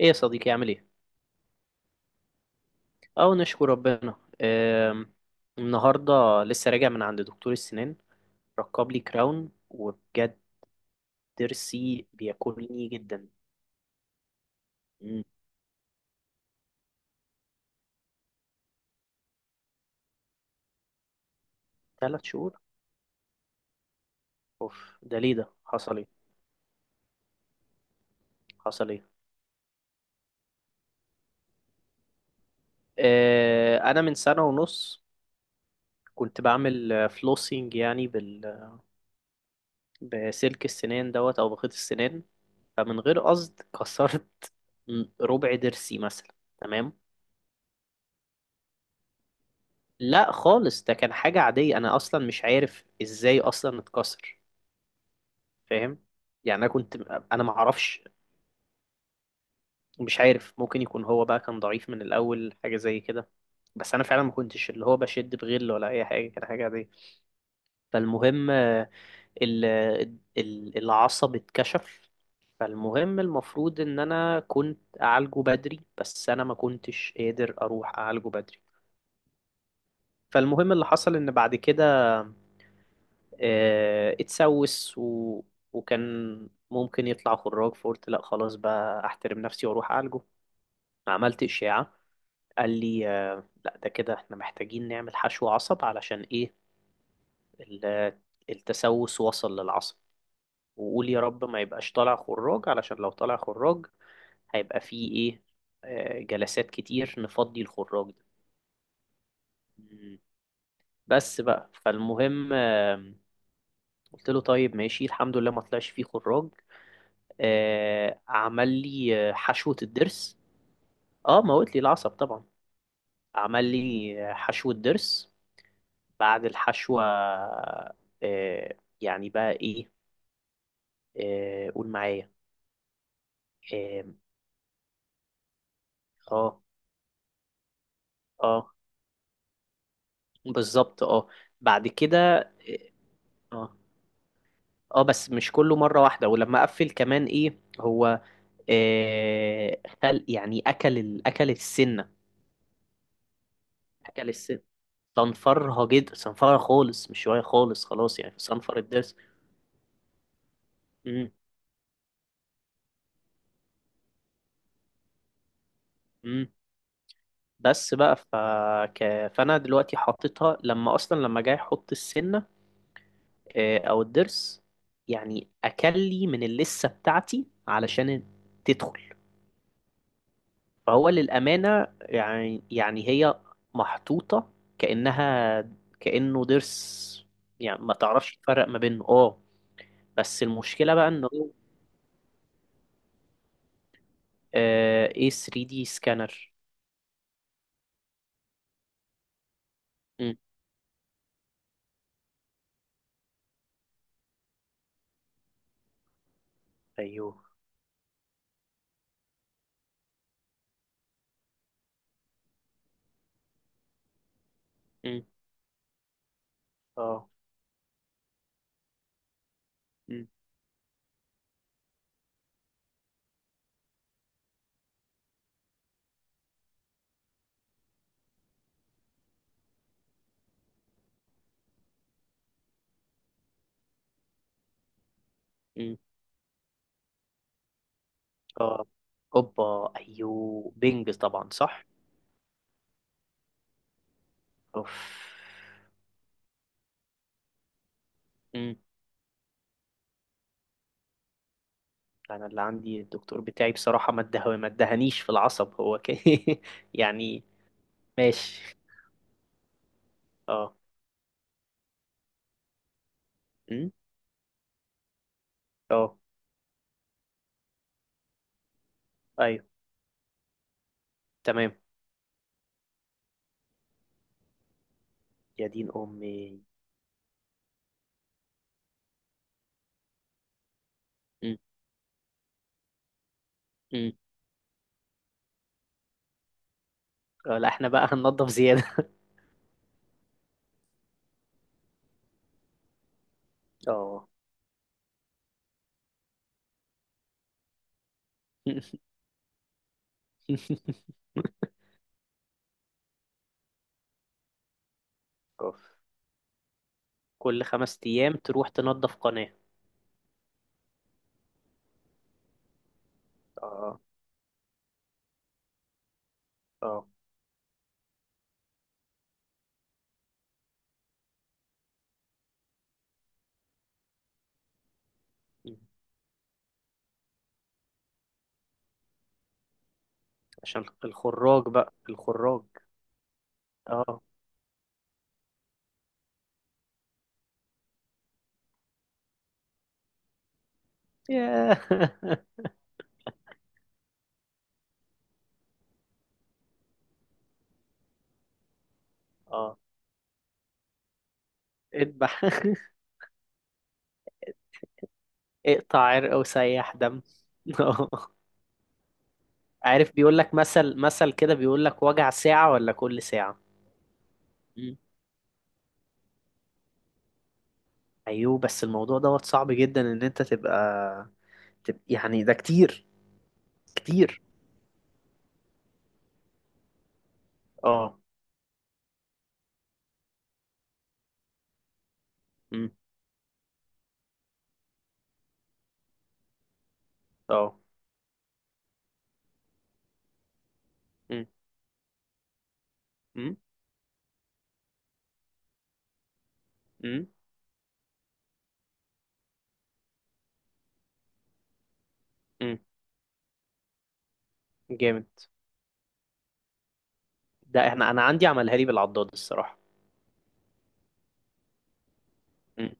ايه يا صديقي عامل ايه؟ اه نشكر ربنا. آم، النهارده لسه راجع من عند دكتور السنان، ركب لي كراون وبجد ضرسي بياكلني جدا. مم، تلات شهور. اوف، ده ليه ده؟ حصل ايه؟ حصل ايه؟ انا من سنة ونص كنت بعمل فلوسينج يعني بسلك السنان دوت او بخيط السنان. فمن غير قصد كسرت ربع ضرسي مثلا. تمام. لا خالص، ده كان حاجة عادية، أنا أصلا مش عارف إزاي أصلا اتكسر. فاهم؟ يعني أنا كنت. أنا معرفش، مش عارف، ممكن يكون هو بقى كان ضعيف من الأول، حاجة زي كده. بس أنا فعلا ما كنتش اللي هو بشد بغل ولا أي حاجة، كان حاجة عادية. فالمهم ال- العصب اتكشف. فالمهم المفروض إن أنا كنت أعالجه بدري، بس أنا ما كنتش قادر أروح أعالجه بدري. فالمهم اللي حصل إن بعد كده اتسوس وكان ممكن يطلع خراج، فقلت لا خلاص بقى احترم نفسي واروح اعالجه. عملت اشعه، قال لي لا ده كده احنا محتاجين نعمل حشو عصب علشان ايه، ال- التسوس وصل للعصب. وقول يا رب ما يبقاش طالع خراج، علشان لو طالع خراج هيبقى فيه ايه، جلسات كتير نفضي الخراج ده. مم. بس بقى فالمهم قلت له طيب ماشي، الحمد لله ما طلعش فيه خراج. عمل لي حشوة الضرس. اه موت لي العصب طبعا. عمل لي حشوة ضرس. بعد الحشوة يعني بقى ايه، قول معايا. اه، اه، آه، بالظبط، اه. بعد كده، اه، اه، بس مش كله مرة واحدة، ولما قفل كمان ايه هو خل يعني اكل السنة. اكل السنة، صنفرها جدا، صنفرها خالص، مش شوية خالص، خلاص يعني صنفر الضرس. مم. مم. بس بقى فانا دلوقتي حطيتها، لما اصلا لما جاي احط السنه او الضرس، يعني اكلي من اللسه بتاعتي علشان تدخل. فهو للامانه يعني يعني هي محطوطه كانها كانه ضرس، يعني ما تعرفش تفرق ما بينه. اه. بس المشكله بقى انه ايه 3 دي سكانر. مم. ايوه. مم. اه. مم. مم. اه، اوبا، ايوه، بينج طبعا صح. اوف. امم. انا اللي عندي الدكتور بتاعي بصراحة ما اده ما ادهنيش في العصب، هو يعني. ماشي. اه. امم. اه. ايوه. تمام. يا دين امي. امم. امم. لا احنا بقى هننضف زيادة. اه. اوف. كل خمس ايام تروح تنضف قناة. اه. اه. مم. عشان الخراج بقى الخراج. اه. ياه. اه. اذبح. اقطع عرق وسيح دم. عارف بيقول لك مثل كده، بيقول لك وجع ساعة ولا كل ساعة. مم. ايوه، بس الموضوع دوت صعب جدا ان انت تبقى يعني ده كتير، كتير. اه. مم. اه. أم، أم، أم، أم. جامد، ده احنا انا عندي عملها لي بالعضاد الصراحة. مم.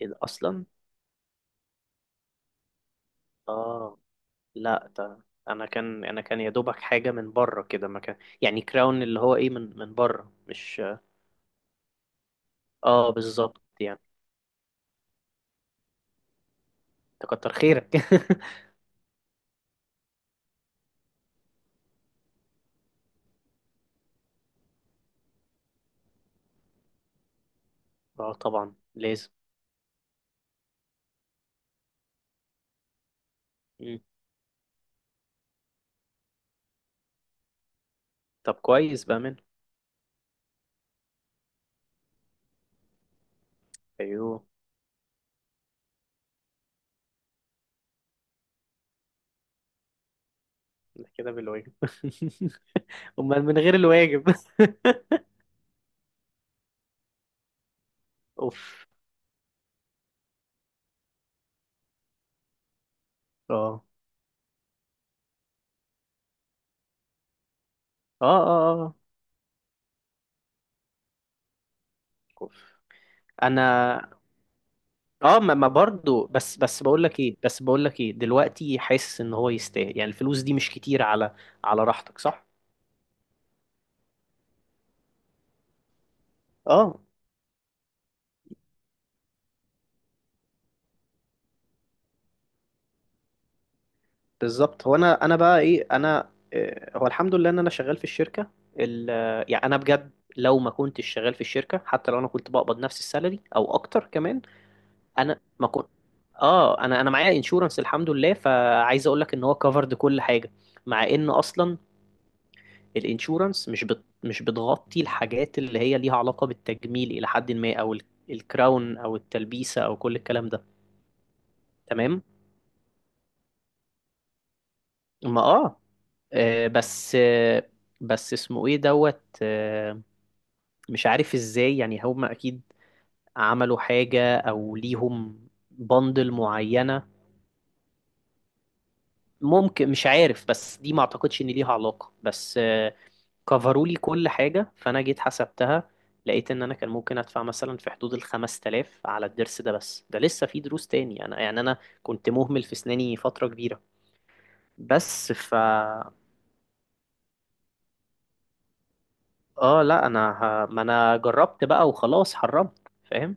ايه ده اصلا. اه لا ده انا كان انا كان يا دوبك حاجة من بره كده، ما كان يعني كراون اللي هو ايه، من بره مش. اه بالظبط يعني. تكتر خيرك. اه طبعا لازم. مم. طب كويس بقى منه. ايوه ده كده بالواجب. امال من غير الواجب. اوف. اه اه اه. اه. اوف. انا، اه، ما برضو، بس بقول لك ايه، بس بقول لك ايه دلوقتي حاسس ان هو يستاهل، يعني الفلوس دي مش كتير على راحتك، صح. اه بالظبط. هو انا بقى ايه، انا هو الحمد لله ان انا شغال في الشركه، يعني انا بجد لو ما كنتش شغال في الشركه، حتى لو انا كنت بقبض نفس السالري او اكتر كمان. انا ما كنت. اه انا معايا انشورنس الحمد لله، فعايز اقول لك ان هو كفرد كل حاجه، مع ان اصلا الانشورنس مش بتغطي الحاجات اللي هي ليها علاقه بالتجميل الى حد ما، او الكراون او التلبيسه او كل الكلام ده. تمام. ما، اه، آه، بس آه، بس اسمه ايه دوت مش عارف ازاي، يعني هم اكيد عملوا حاجة او ليهم بندل معينة. ممكن، مش عارف، بس دي ما اعتقدش ان ليها علاقة، بس كفروا لي كل حاجة، فانا جيت حسبتها، لقيت ان انا كان ممكن ادفع مثلا في حدود ال 5000 على الضرس ده، بس ده لسه في دروس تاني، انا يعني انا كنت مهمل في اسناني فترة كبيرة. بس ف، اه لا انا ما انا جربت بقى وخلاص حرمت، فاهم؟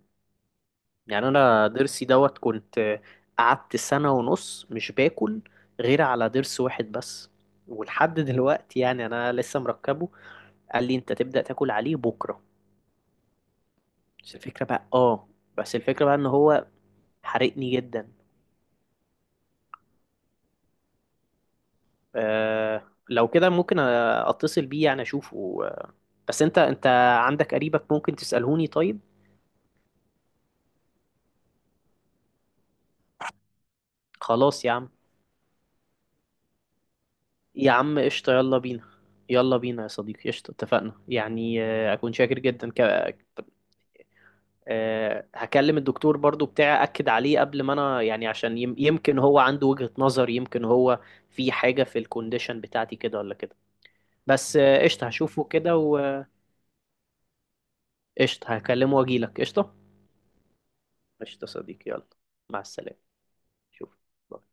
يعني انا ضرسي دوت كنت قعدت سنة ونص مش باكل غير على ضرس واحد بس. ولحد دلوقتي يعني انا لسه مركبه. قال لي انت تبدأ تاكل عليه بكرة. بس الفكرة بقى، اه، بس الفكرة بقى ان هو حرقني جدا. آه لو كده ممكن اتصل بيه يعني اشوفه بس انت عندك قريبك ممكن تسألهوني طيب. خلاص يا عم. يا عم قشطة يلا بينا. يلا بينا يا صديقي قشطة، اتفقنا يعني، أكون شاكر جدا هكلم الدكتور برضو بتاعي أكد عليه قبل ما أنا، يعني عشان يمكن هو عنده وجهة نظر، يمكن هو في حاجة في الكونديشن بتاعتي كده ولا كده. بس قشطة هشوفه كده وقشطة هكلمه وأجيلك. قشطة. قشطة صديقي يلا. مع السلامة. شوف